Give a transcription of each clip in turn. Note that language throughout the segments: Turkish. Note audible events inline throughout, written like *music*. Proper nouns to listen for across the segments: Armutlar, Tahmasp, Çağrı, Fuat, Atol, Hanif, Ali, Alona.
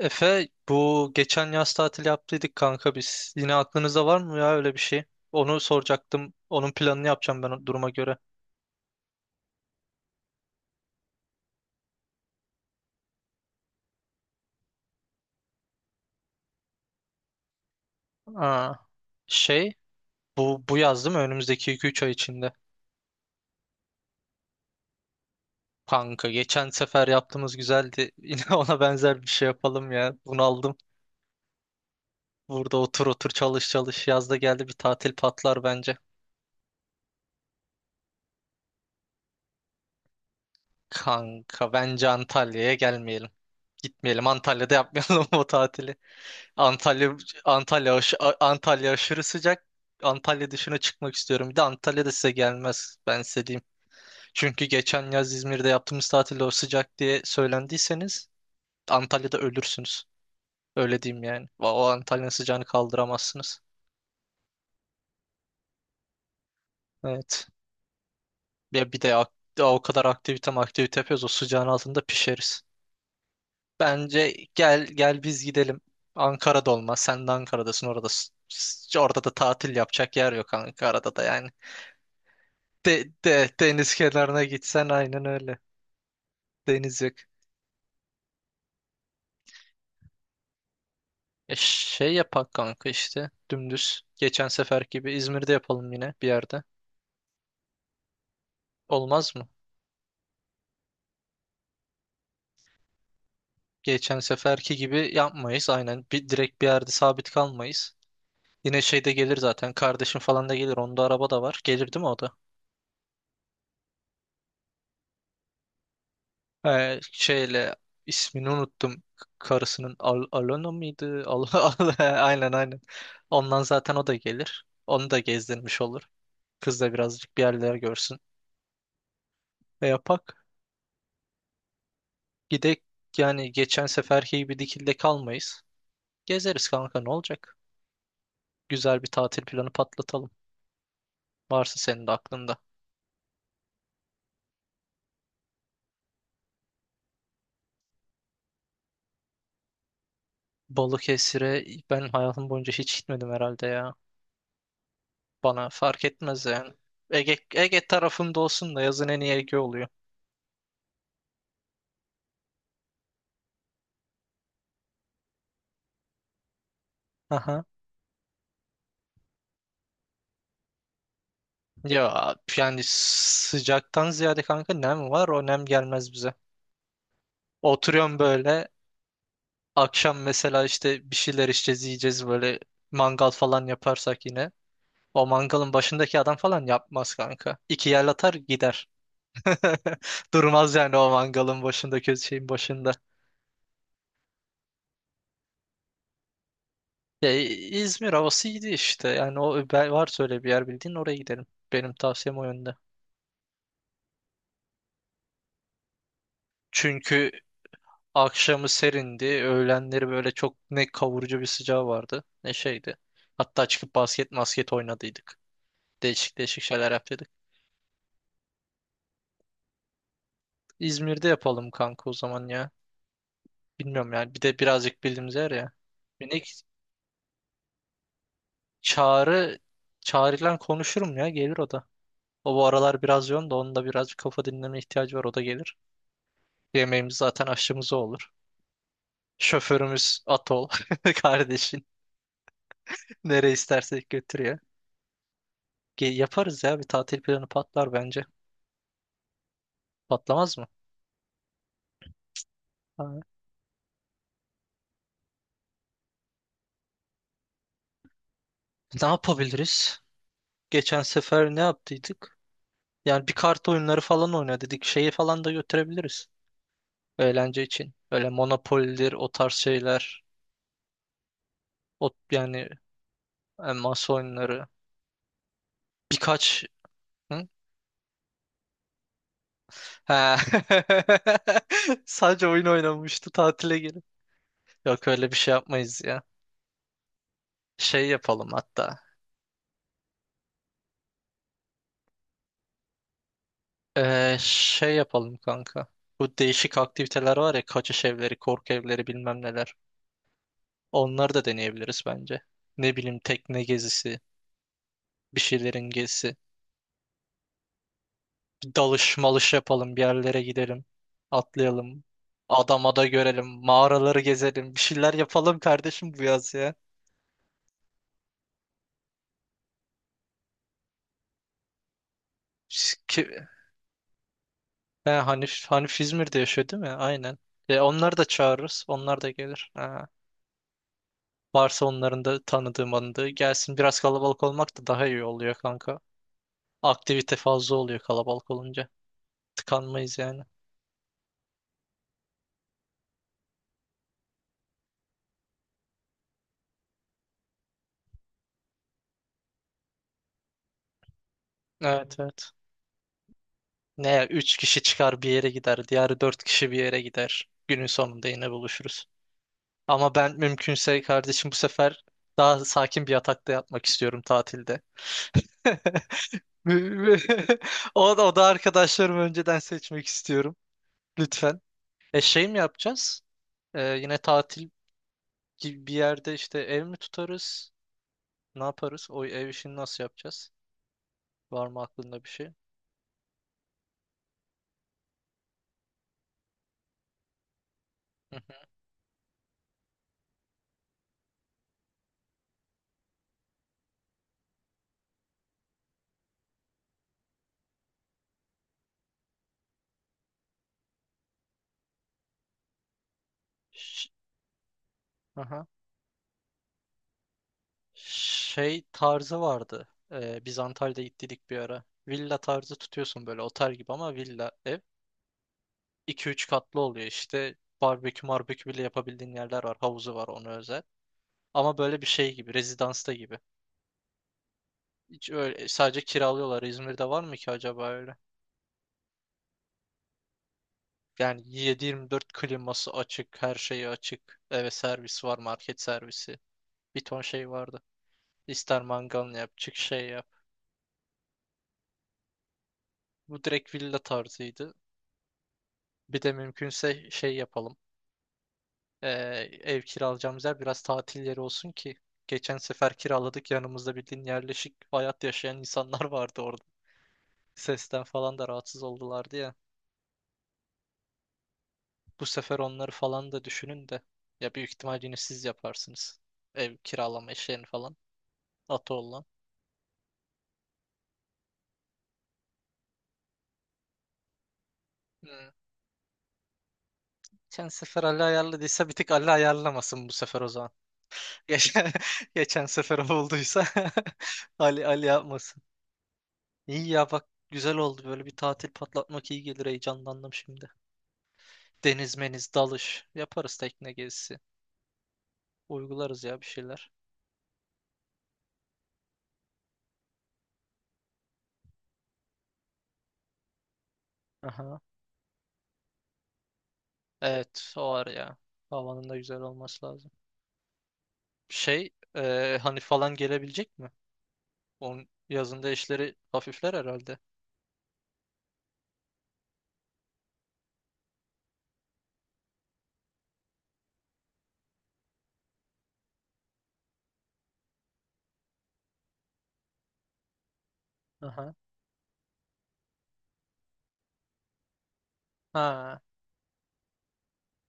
Efe bu geçen yaz tatil yaptıydık kanka biz. Yine aklınızda var mı ya öyle bir şey? Onu soracaktım. Onun planını yapacağım ben o duruma göre. Aa, şey Bu yaz değil mi? Önümüzdeki iki üç ay içinde. Kanka geçen sefer yaptığımız güzeldi. *laughs* Yine ona benzer bir şey yapalım ya. Bunaldım. Burada otur otur çalış çalış. Yaz da geldi bir tatil patlar bence. Kanka bence Antalya'ya gelmeyelim. Gitmeyelim Antalya'da yapmayalım *laughs* o tatili. Antalya Antalya aşırı sıcak. Antalya dışına çıkmak istiyorum. Bir de Antalya da size gelmez. Ben size diyeyim. Çünkü geçen yaz İzmir'de yaptığımız tatilde o sıcak diye söylendiyseniz Antalya'da ölürsünüz. Öyle diyeyim yani. O Antalya'nın sıcağını kaldıramazsınız. Evet. Ya bir de daha o kadar aktivite aktivite yapıyoruz. O sıcağın altında pişeriz. Bence gel gel biz gidelim. Ankara'da olmaz. Sen de Ankara'dasın oradasın. Orada da tatil yapacak yer yok Ankara'da da yani. Deniz kenarına gitsen aynen öyle. Deniz yok. Şey yapak kanka işte dümdüz. Geçen sefer gibi İzmir'de yapalım yine bir yerde. Olmaz mı? Geçen seferki gibi yapmayız aynen. Direkt bir yerde sabit kalmayız. Yine şeyde gelir zaten. Kardeşim falan da gelir. Onda araba da var. Gelir değil mi o da? Şeyle ismini unuttum. Karısının Alona mıydı? *laughs* Aynen aynen. Ondan zaten o da gelir. Onu da gezdirmiş olur. Kız da birazcık bir yerler görsün. Yapak. Gidek yani geçen seferki gibi dikilde kalmayız. Gezeriz kanka ne olacak? Güzel bir tatil planı patlatalım. Varsa senin de aklında. Balıkesir'e ben hayatım boyunca hiç gitmedim herhalde ya. Bana fark etmez yani. Ege tarafımda olsun da yazın en iyi Ege oluyor. Aha. Ya yani sıcaktan ziyade kanka nem var o nem gelmez bize. Oturuyorum böyle akşam mesela işte bir şeyler içeceğiz yiyeceğiz böyle mangal falan yaparsak yine. O mangalın başındaki adam falan yapmaz kanka. İki yer atar gider. *laughs* Durmaz yani o mangalın başındaki şeyin başında. Ya, İzmir havası iyiydi işte. Yani o var söyle bir yer bildiğin oraya gidelim. Benim tavsiyem o yönde. Çünkü akşamı serindi. Öğlenleri böyle çok ne kavurucu bir sıcağı vardı ne şeydi. Hatta çıkıp basket masket oynadıydık. Değişik değişik şeyler yaptıydık. İzmir'de yapalım kanka o zaman ya. Bilmiyorum yani. Bir de birazcık bildiğimiz yer ya. Minik. Çağrı Çağrı'yla konuşurum ya gelir o da. O bu aralar biraz yoğun da onun da birazcık kafa dinleme ihtiyacı var o da gelir. Yemeğimiz zaten aşçımız o olur. Şoförümüz Atol *laughs* kardeşin nereye istersek götürüyor. Yaparız ya bir tatil planı patlar bence. Patlamaz mı? Ha. Ne yapabiliriz? Geçen sefer ne yaptıydık? Yani bir kart oyunları falan oyna dedik. Şeyi falan da götürebiliriz. Eğlence için. Öyle Monopoly'dir o tarz şeyler. O, yani masa oyunları birkaç. Hı? Ha. *laughs* Sadece oyun oynamıştı tatile gelip. Yok öyle bir şey yapmayız ya. Şey yapalım hatta. Şey yapalım kanka. Bu değişik aktiviteler var ya kaçış evleri, korku evleri bilmem neler. Onları da deneyebiliriz bence. Ne bileyim tekne gezisi, bir şeylerin gezisi. Bir dalış malış yapalım, bir yerlere gidelim. Atlayalım. Adamada görelim, mağaraları gezelim. Bir şeyler yapalım kardeşim bu yaz ya. He, Hanif İzmir'de yaşıyor değil mi? Aynen. Onları da çağırırız. Onlar da gelir. Ha. Varsa onların da tanıdığım anıdığı gelsin. Biraz kalabalık olmak da daha iyi oluyor kanka. Aktivite fazla oluyor kalabalık olunca. Tıkanmayız yani. Evet, evet. Ne ya, üç kişi çıkar bir yere gider. Diğer dört kişi bir yere gider. Günün sonunda yine buluşuruz. Ama ben mümkünse kardeşim bu sefer daha sakin bir yatakta yatmak istiyorum tatilde. *laughs* O da arkadaşlarımı önceden seçmek istiyorum. Lütfen. Şey mi yapacağız? Yine tatil gibi bir yerde işte ev mi tutarız? Ne yaparız? O ev işini nasıl yapacağız? Var mı aklında bir şey? Hı hı. Ş- Aha. Şey tarzı vardı. Biz Antalya'da gittik bir ara. Villa tarzı tutuyorsun böyle otel gibi ama villa ev. 2 üç katlı oluyor işte. Barbekü marbekü bile yapabildiğin yerler var. Havuzu var ona özel. Ama böyle bir şey gibi. Rezidansta gibi. Hiç öyle sadece kiralıyorlar. İzmir'de var mı ki acaba öyle? Yani 7 dört kliması açık, her şeyi açık. Eve servis var, market servisi. Bir ton şey vardı. İster mangal yap, çık şey yap. Bu direkt villa tarzıydı. Bir de mümkünse şey yapalım. Ee, Ev kiralayacağımız yer biraz tatil yeri olsun ki. Geçen sefer kiraladık yanımızda bildiğin yerleşik hayat yaşayan insanlar *laughs* vardı orada. Sesten falan da rahatsız oldulardı ya. Bu sefer onları falan da düşünün de. Ya büyük ihtimal yine siz yaparsınız. Ev kiralama işlerini falan. Atı olan. Geçen sefer Ali ayarladıysa bir tık Ali ayarlamasın bu sefer o zaman. Geçen, *laughs* geçen sefer o olduysa *laughs* Ali yapmasın. İyi ya bak güzel oldu böyle bir tatil patlatmak iyi gelir heyecanlandım şimdi. Deniz meniz dalış yaparız tekne gezisi. Uygularız ya bir şeyler. Aha. Evet o var ya. Havanın da güzel olması lazım. Şey hani falan gelebilecek mi? Onun yazında işleri hafifler herhalde. Aha. Ha.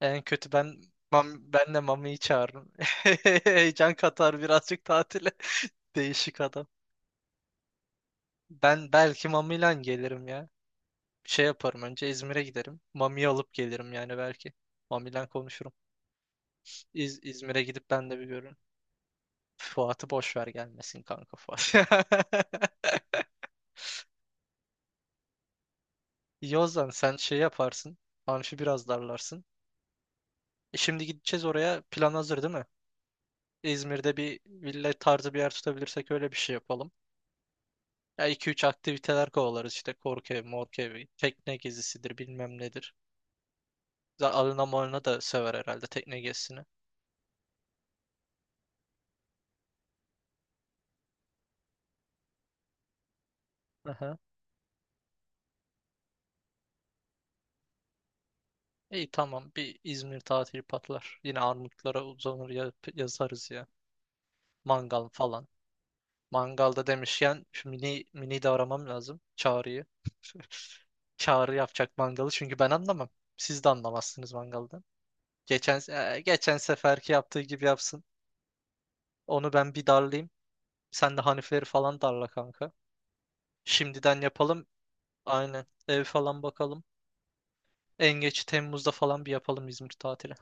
En kötü ben de Mami'yi çağırırım. *laughs* Heyecan katar birazcık tatile. *laughs* Değişik adam. Ben belki Mami'yle gelirim ya. Şey yaparım önce İzmir'e giderim. Mami'yi alıp gelirim yani belki. Mami'yle konuşurum. İzmir'e gidip ben de bir görürüm. Fuat'ı boş ver gelmesin kanka Fuat. *laughs* İyi o zaman sen şey yaparsın. Amfi biraz darlarsın. Şimdi gideceğiz oraya. Plan hazır değil mi? İzmir'de bir villa tarzı bir yer tutabilirsek öyle bir şey yapalım. Ya iki üç aktiviteler kovalarız işte korku evi, morku evi, tekne gezisidir bilmem nedir. Alına malına da sever herhalde tekne gezisini. Aha. İyi tamam bir İzmir tatili patlar. Yine Armutlara uzanır yazarız ya. Mangal falan. Mangalda demişken şu mini de aramam lazım. Çağrı'yı. *laughs* Çağrı yapacak mangalı çünkü ben anlamam. Siz de anlamazsınız mangaldan. Geçen, geçen seferki yaptığı gibi yapsın. Onu ben bir darlayayım. Sen de Hanifleri falan darla kanka. Şimdiden yapalım. Aynen. Ev falan bakalım. En geç Temmuz'da falan bir yapalım İzmir tatili.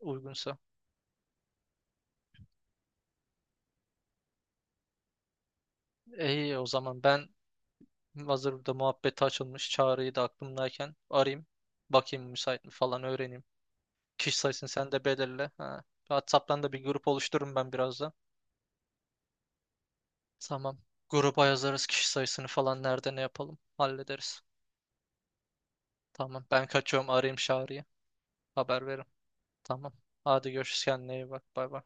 Uygunsa. İyi o zaman ben hazır burada muhabbeti açılmış. Çağrı'yı da aklımdayken arayayım. Bakayım müsait mi falan öğreneyim. Kişi sayısını sen de belirle. Ha. WhatsApp'tan da bir grup oluştururum ben birazdan. Tamam. Gruba yazarız kişi sayısını falan nerede ne yapalım. Hallederiz. Tamam ben kaçıyorum arayayım Çağrı'yı. Haber veririm. Tamam. Hadi görüşürüz kendine iyi bak. Bay bay.